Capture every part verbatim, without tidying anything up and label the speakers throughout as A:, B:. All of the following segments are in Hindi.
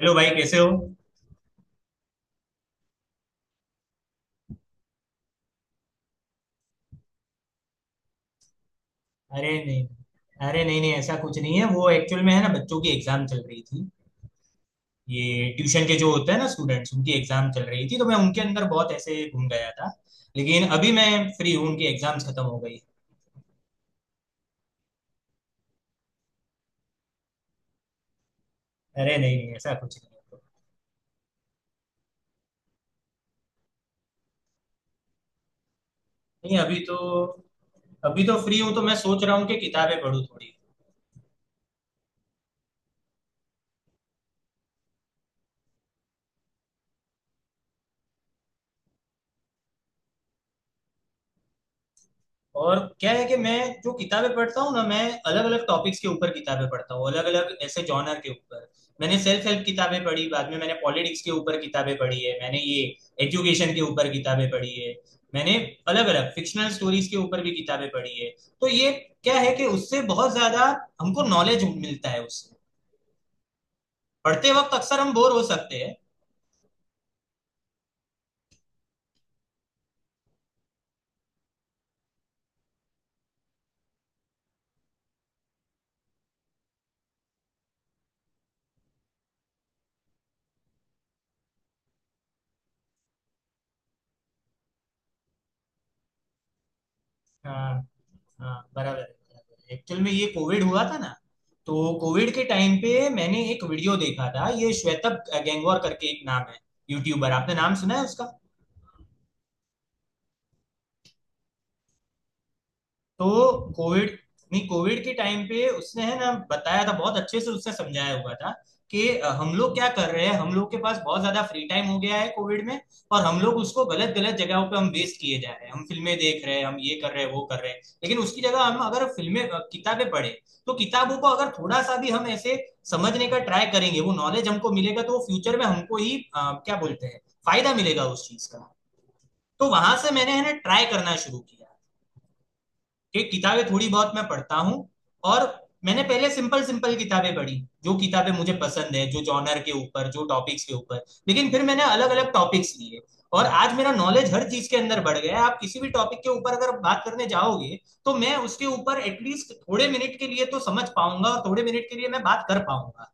A: हेलो भाई, कैसे हो? अरे नहीं। अरे नहीं नहीं, ऐसा कुछ नहीं है। वो एक्चुअल में है ना, बच्चों की एग्जाम चल रही थी। ये ट्यूशन के जो होते हैं ना स्टूडेंट्स, उनकी एग्जाम चल रही थी, तो मैं उनके अंदर बहुत ऐसे घूम गया था। लेकिन अभी मैं फ्री हूँ, उनकी एग्जाम्स खत्म हो गई। अरे नहीं नहीं, ऐसा कुछ नहीं है। नहीं, अभी तो अभी तो फ्री हूँ, तो मैं सोच रहा हूँ कि किताबें पढूं थोड़ी। और क्या है कि मैं जो किताबें पढ़ता हूँ ना, मैं अलग अलग टॉपिक्स के ऊपर किताबें पढ़ता हूँ, अलग अलग ऐसे जॉनर के ऊपर। मैंने सेल्फ हेल्प किताबें पढ़ी, बाद में मैंने पॉलिटिक्स के ऊपर किताबें पढ़ी है, मैंने ये एजुकेशन के ऊपर किताबें पढ़ी है, मैंने अलग अलग फिक्शनल स्टोरीज के ऊपर भी किताबें पढ़ी है। तो ये क्या है कि उससे बहुत ज्यादा हमको नॉलेज मिलता है। उससे पढ़ते वक्त अक्सर हम बोर हो सकते हैं। हाँ हाँ, बराबर है, बराबर। एक्चुअल में ये कोविड हुआ था ना, तो कोविड के टाइम पे मैंने एक वीडियो देखा था। ये श्वेतब गैंगवार करके एक नाम है, यूट्यूबर, आपने नाम सुना है उसका? तो कोविड, नहीं, कोविड के टाइम पे उसने है ना बताया था, बहुत अच्छे से उसने समझाया हुआ था कि अ, हम लोग क्या कर रहे हैं, हम लोग के पास बहुत ज्यादा फ्री टाइम हो गया है कोविड में, और हम लोग उसको गलत गलत जगहों पे हम वेस्ट किए जा रहे हैं। हम फिल्में देख रहे हैं, हम ये कर रहे हैं, वो कर रहे हैं। लेकिन उसकी जगह हम अगर फिल्में अ, किताबें पढ़े, तो किताबों को अगर थोड़ा सा भी हम ऐसे समझने का ट्राई करेंगे, वो नॉलेज हमको मिलेगा, तो फ्यूचर में हमको ही अ, क्या बोलते हैं, फायदा मिलेगा उस चीज का। तो वहां से मैंने है ना ट्राई करना शुरू किया कि किताबें थोड़ी बहुत मैं पढ़ता हूँ। और मैंने पहले सिंपल सिंपल किताबें पढ़ी, जो किताबें मुझे पसंद है, जो जॉनर के ऊपर, जो टॉपिक्स के ऊपर। लेकिन फिर मैंने अलग अलग टॉपिक्स लिए, और आज मेरा नॉलेज हर चीज के अंदर बढ़ गया है। आप किसी भी टॉपिक के ऊपर अगर बात करने जाओगे, तो मैं उसके ऊपर एटलीस्ट थोड़े मिनट के लिए तो समझ पाऊंगा और थोड़े मिनट के लिए मैं बात कर पाऊंगा।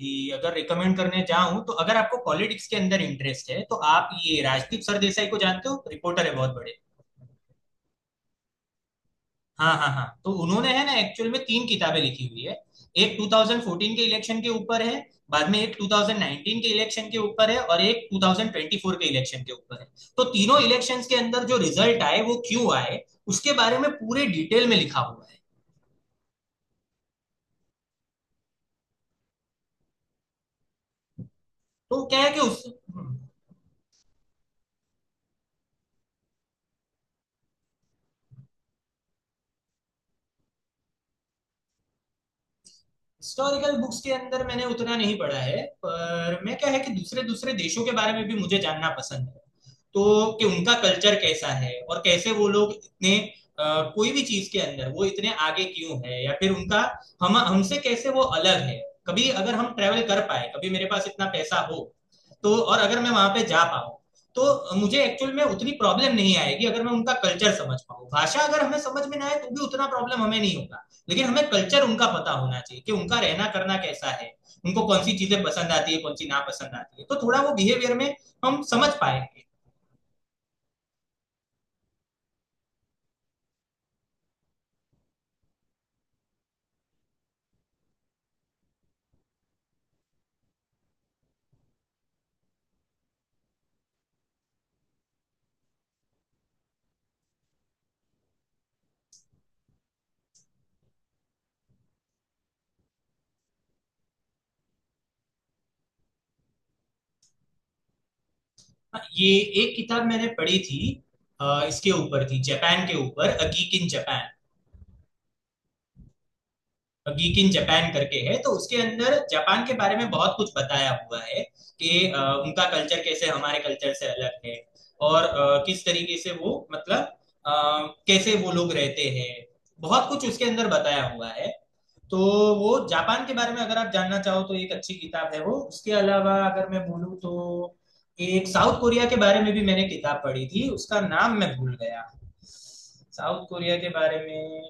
A: कि अगर रिकमेंड करने जाऊं, तो अगर आपको पॉलिटिक्स के अंदर इंटरेस्ट है, तो आप ये राजदीप सरदेसाई को जानते हो? रिपोर्टर है बहुत बड़े। हाँ हाँ हाँ, तो उन्होंने है ना एक्चुअल में तीन किताबें लिखी हुई है। एक ट्वेंटी फ़ोर्टीन के इलेक्शन के ऊपर है, बाद में एक ट्वेंटी नाइनटीन के इलेक्शन के ऊपर है, और एक ट्वेंटी ट्वेंटी फ़ोर के इलेक्शन के ऊपर है। तो तीनों इलेक्शंस के अंदर जो रिजल्ट आए वो क्यों आए, उसके बारे में पूरे डिटेल में लिखा हुआ है। तो क्या है कि उस हम्म, हिस्टोरिकल बुक्स के अंदर मैंने उतना नहीं पढ़ा है, पर मैं क्या है कि दूसरे दूसरे देशों के बारे में भी मुझे जानना पसंद है, तो कि उनका कल्चर कैसा है, और कैसे वो लोग इतने अ, कोई भी चीज के अंदर वो इतने आगे क्यों है, या फिर उनका हम हमसे कैसे वो अलग है। कभी अगर हम ट्रेवल कर पाए, कभी मेरे पास इतना पैसा हो, तो और अगर मैं वहां पे जा पाऊँ, तो मुझे एक्चुअल में उतनी प्रॉब्लम नहीं आएगी अगर मैं उनका कल्चर समझ पाऊँ। भाषा अगर हमें समझ में ना आए तो भी उतना प्रॉब्लम हमें नहीं होगा, लेकिन हमें कल्चर उनका पता होना चाहिए कि उनका रहना करना कैसा है, उनको कौन सी चीजें पसंद आती है, कौन सी ना पसंद आती है। तो थोड़ा वो बिहेवियर में हम समझ पाएंगे। हाँ, ये एक किताब मैंने पढ़ी थी, इसके ऊपर थी, जापान के ऊपर, uh geek in Japan. Geek in Japan करके है, तो उसके अंदर जापान के बारे में बहुत कुछ बताया हुआ है कि अ, उनका कल्चर कैसे हमारे कल्चर से अलग है, और अ, किस तरीके से वो मतलब, अ, कैसे वो लोग रहते हैं, बहुत कुछ उसके अंदर बताया हुआ है। तो वो जापान के बारे में अगर आप जानना चाहो, तो एक अच्छी किताब है वो। उसके अलावा अगर मैं बोलूँ, तो एक साउथ कोरिया के बारे में भी मैंने किताब पढ़ी थी, उसका नाम मैं भूल गया। साउथ कोरिया के बारे में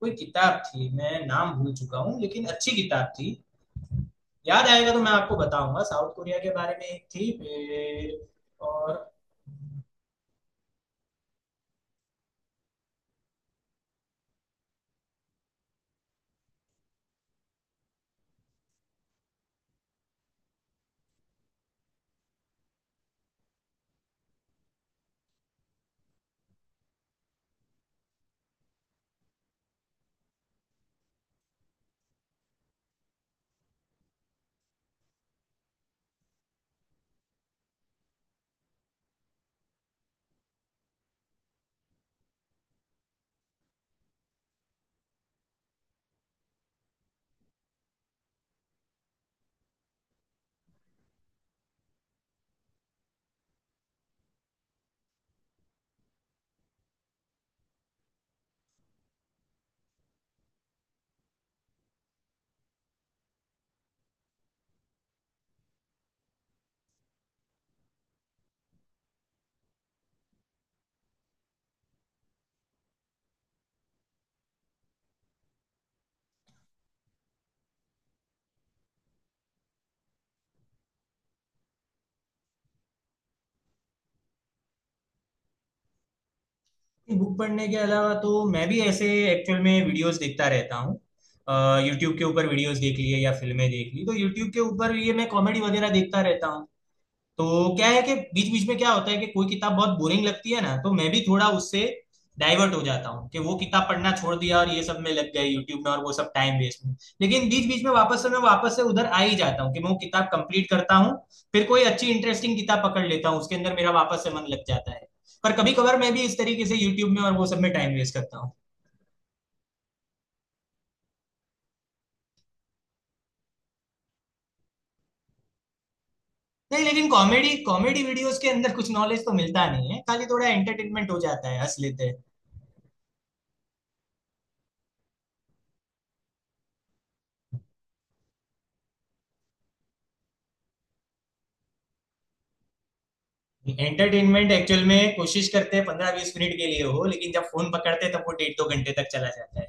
A: कोई किताब थी, मैं नाम भूल चुका हूँ, लेकिन अच्छी किताब थी। याद आएगा तो मैं आपको बताऊंगा। साउथ कोरिया के बारे में एक थी फिर। और बुक पढ़ने के अलावा, तो मैं भी ऐसे एक्चुअल में वीडियोस देखता रहता हूँ। यूट्यूब के ऊपर वीडियोस देख लिए या फिल्में देख ली, तो यूट्यूब के ऊपर ये मैं कॉमेडी वगैरह देखता रहता हूँ। तो क्या है कि बीच बीच में क्या होता है कि कोई किताब बहुत बोरिंग लगती है ना, तो मैं भी थोड़ा उससे डाइवर्ट हो जाता हूँ कि वो किताब पढ़ना छोड़ दिया, और ये सब में लग गए, यूट्यूब में और वो सब, टाइम वेस्ट में। लेकिन बीच बीच में वापस से मैं वापस से उधर आ ही जाता हूँ कि मैं वो किताब कंप्लीट करता हूँ। फिर कोई अच्छी इंटरेस्टिंग किताब पकड़ लेता हूँ, उसके अंदर मेरा वापस से मन लग जाता है। पर कभी कभार मैं भी इस तरीके से यूट्यूब में और वो सब में टाइम वेस्ट करता हूँ। नहीं, लेकिन कॉमेडी कॉमेडी वीडियोस के अंदर कुछ नॉलेज तो मिलता नहीं है, खाली थोड़ा एंटरटेनमेंट हो जाता है, हंस लेते हैं। एंटरटेनमेंट एक्चुअल में कोशिश करते हैं पंद्रह बीस मिनट के लिए हो, लेकिन जब फोन पकड़ते हैं तब वो डेढ़ दो घंटे तक चला जाता है।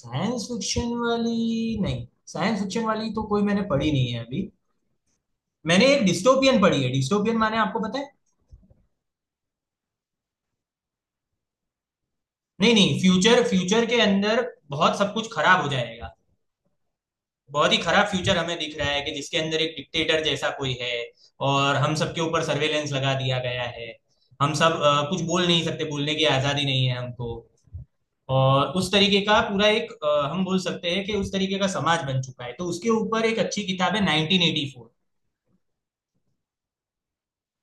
A: साइंस फिक्शन वाली नहीं। साइंस फिक्शन वाली तो कोई मैंने पढ़ी नहीं है अभी। मैंने एक डिस्टोपियन पढ़ी है। डिस्टोपियन माने आपको पता है? नहीं नहीं, फ्यूचर फ्यूचर के अंदर बहुत सब कुछ खराब हो जाएगा। बहुत ही खराब फ्यूचर हमें दिख रहा है, कि जिसके अंदर एक डिक्टेटर जैसा कोई है, और हम सबके ऊपर सर्वेलेंस लगा दिया गया है। हम सब अ, कुछ बोल नहीं सकते, बोलने की आजादी नहीं है हमको, और उस तरीके का पूरा एक अ, हम बोल सकते हैं कि उस तरीके का समाज बन चुका है। तो उसके ऊपर एक अच्छी किताब है, नाइनटीन एटी फ़ोर।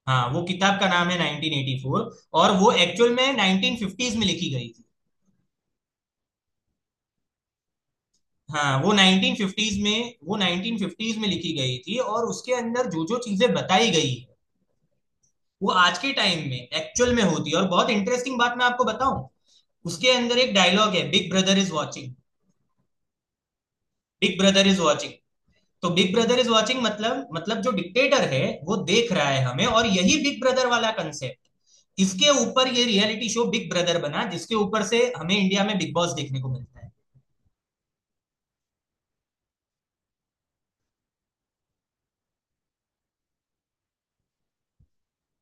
A: हाँ, वो किताब का नाम है नाइनटीन एटी फ़ोर, और वो एक्चुअल में नाइनटीन फ़िफ्टीज़ में लिखी गई थी। हाँ, वो नाइनटीन फ़िफ्टीज़ में वो नाइनटीन फ़िफ्टीज़ में लिखी गई थी, और उसके अंदर जो जो चीजें बताई गई है, वो आज के टाइम में एक्चुअल में होती है। और बहुत इंटरेस्टिंग बात मैं आपको बताऊं, उसके अंदर एक डायलॉग है, Big Brother is watching. Big Brother is watching. तो बिग ब्रदर इज वॉचिंग मतलब मतलब जो डिक्टेटर है वो देख रहा है हमें, और यही बिग ब्रदर वाला कंसेप्ट, इसके ऊपर ये रियलिटी शो बिग ब्रदर बना, जिसके ऊपर से हमें इंडिया में बिग बॉस देखने को मिलता है।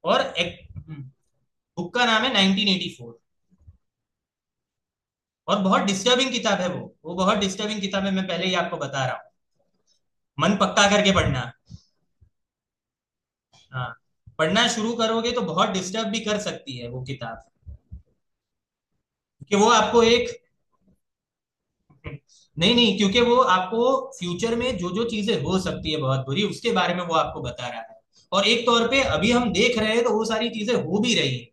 A: और एक बुक का नाम है नाइनटीन एटी फ़ोर। और बहुत डिस्टर्बिंग किताब है वो, वो बहुत डिस्टर्बिंग किताब है, मैं पहले ही आपको बता रहा हूँ, मन पक्का करके पढ़ना। हाँ, पढ़ना शुरू करोगे तो बहुत डिस्टर्ब भी कर सकती है वो किताब। कि वो आपको एक, नहीं नहीं, क्योंकि वो आपको फ्यूचर में जो जो चीजें हो सकती है बहुत बुरी, उसके बारे में वो आपको बता रहा है। और एक तौर पे अभी हम देख रहे हैं, तो वो सारी चीजें हो भी रही है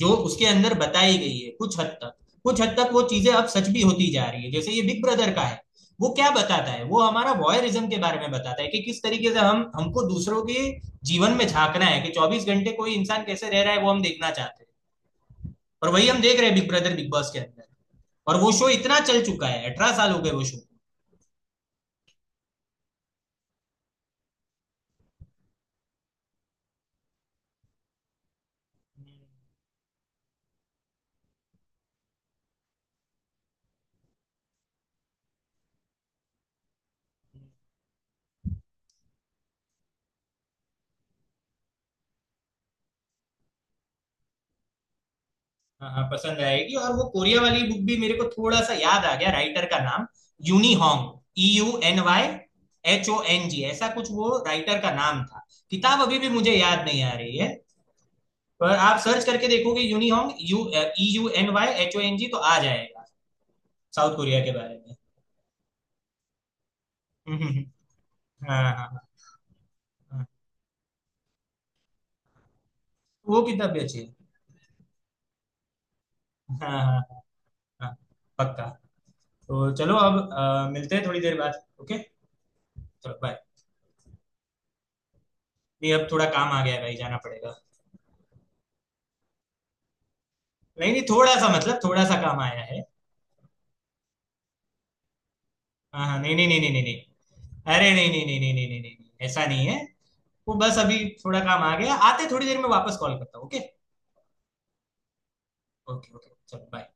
A: जो उसके अंदर बताई गई है, कुछ हद तक। कुछ हद तक वो चीजें अब सच भी होती जा रही है, जैसे ये बिग ब्रदर का है। वो क्या बताता है, वो हमारा वॉयरिज्म के बारे में बताता है कि किस तरीके से हम, हमको दूसरों के जीवन में झांकना है, कि चौबीस घंटे कोई इंसान कैसे रह रहा है वो हम देखना चाहते हैं। और वही हम देख रहे हैं बिग ब्रदर, बिग बॉस के अंदर, और वो शो इतना चल चुका है, अठारह साल हो गए वो शो को। हाँ हाँ, पसंद आएगी। और वो कोरिया वाली बुक, भी मेरे को थोड़ा सा याद आ गया, राइटर का नाम Euny Hong, E U N Y H O N G, ऐसा कुछ वो राइटर का नाम था। किताब अभी भी मुझे याद नहीं आ रही है, पर आप सर्च करके देखोगे Euny Hong, U E U N Y H O N G, तो आ जाएगा, साउथ कोरिया के बारे में। हम्म, हम्म, हाँ हाँ हाँ। हाँ। वो किताब भी अच्छी है। हाँ हाँ। हाँ। पक्का। तो चलो अब अ, मिलते हैं थोड़ी देर बाद, ओके। चलो बाय। नहीं, अब थोड़ा काम आ गया है भाई, जाना पड़ेगा। नहीं नहीं, थोड़ा सा मतलब थोड़ा सा काम आया है। हाँ हाँ, नहीं नहीं नहीं नहीं नहीं नहीं। अरे नहीं नहीं नहीं नहीं नहीं नहीं नहीं नहीं, ऐसा नहीं है। वो बस अभी थोड़ा काम आ गया, आते थोड़ी देर में वापस कॉल करता हूँ, ओके। ओके ओके, चलो bye.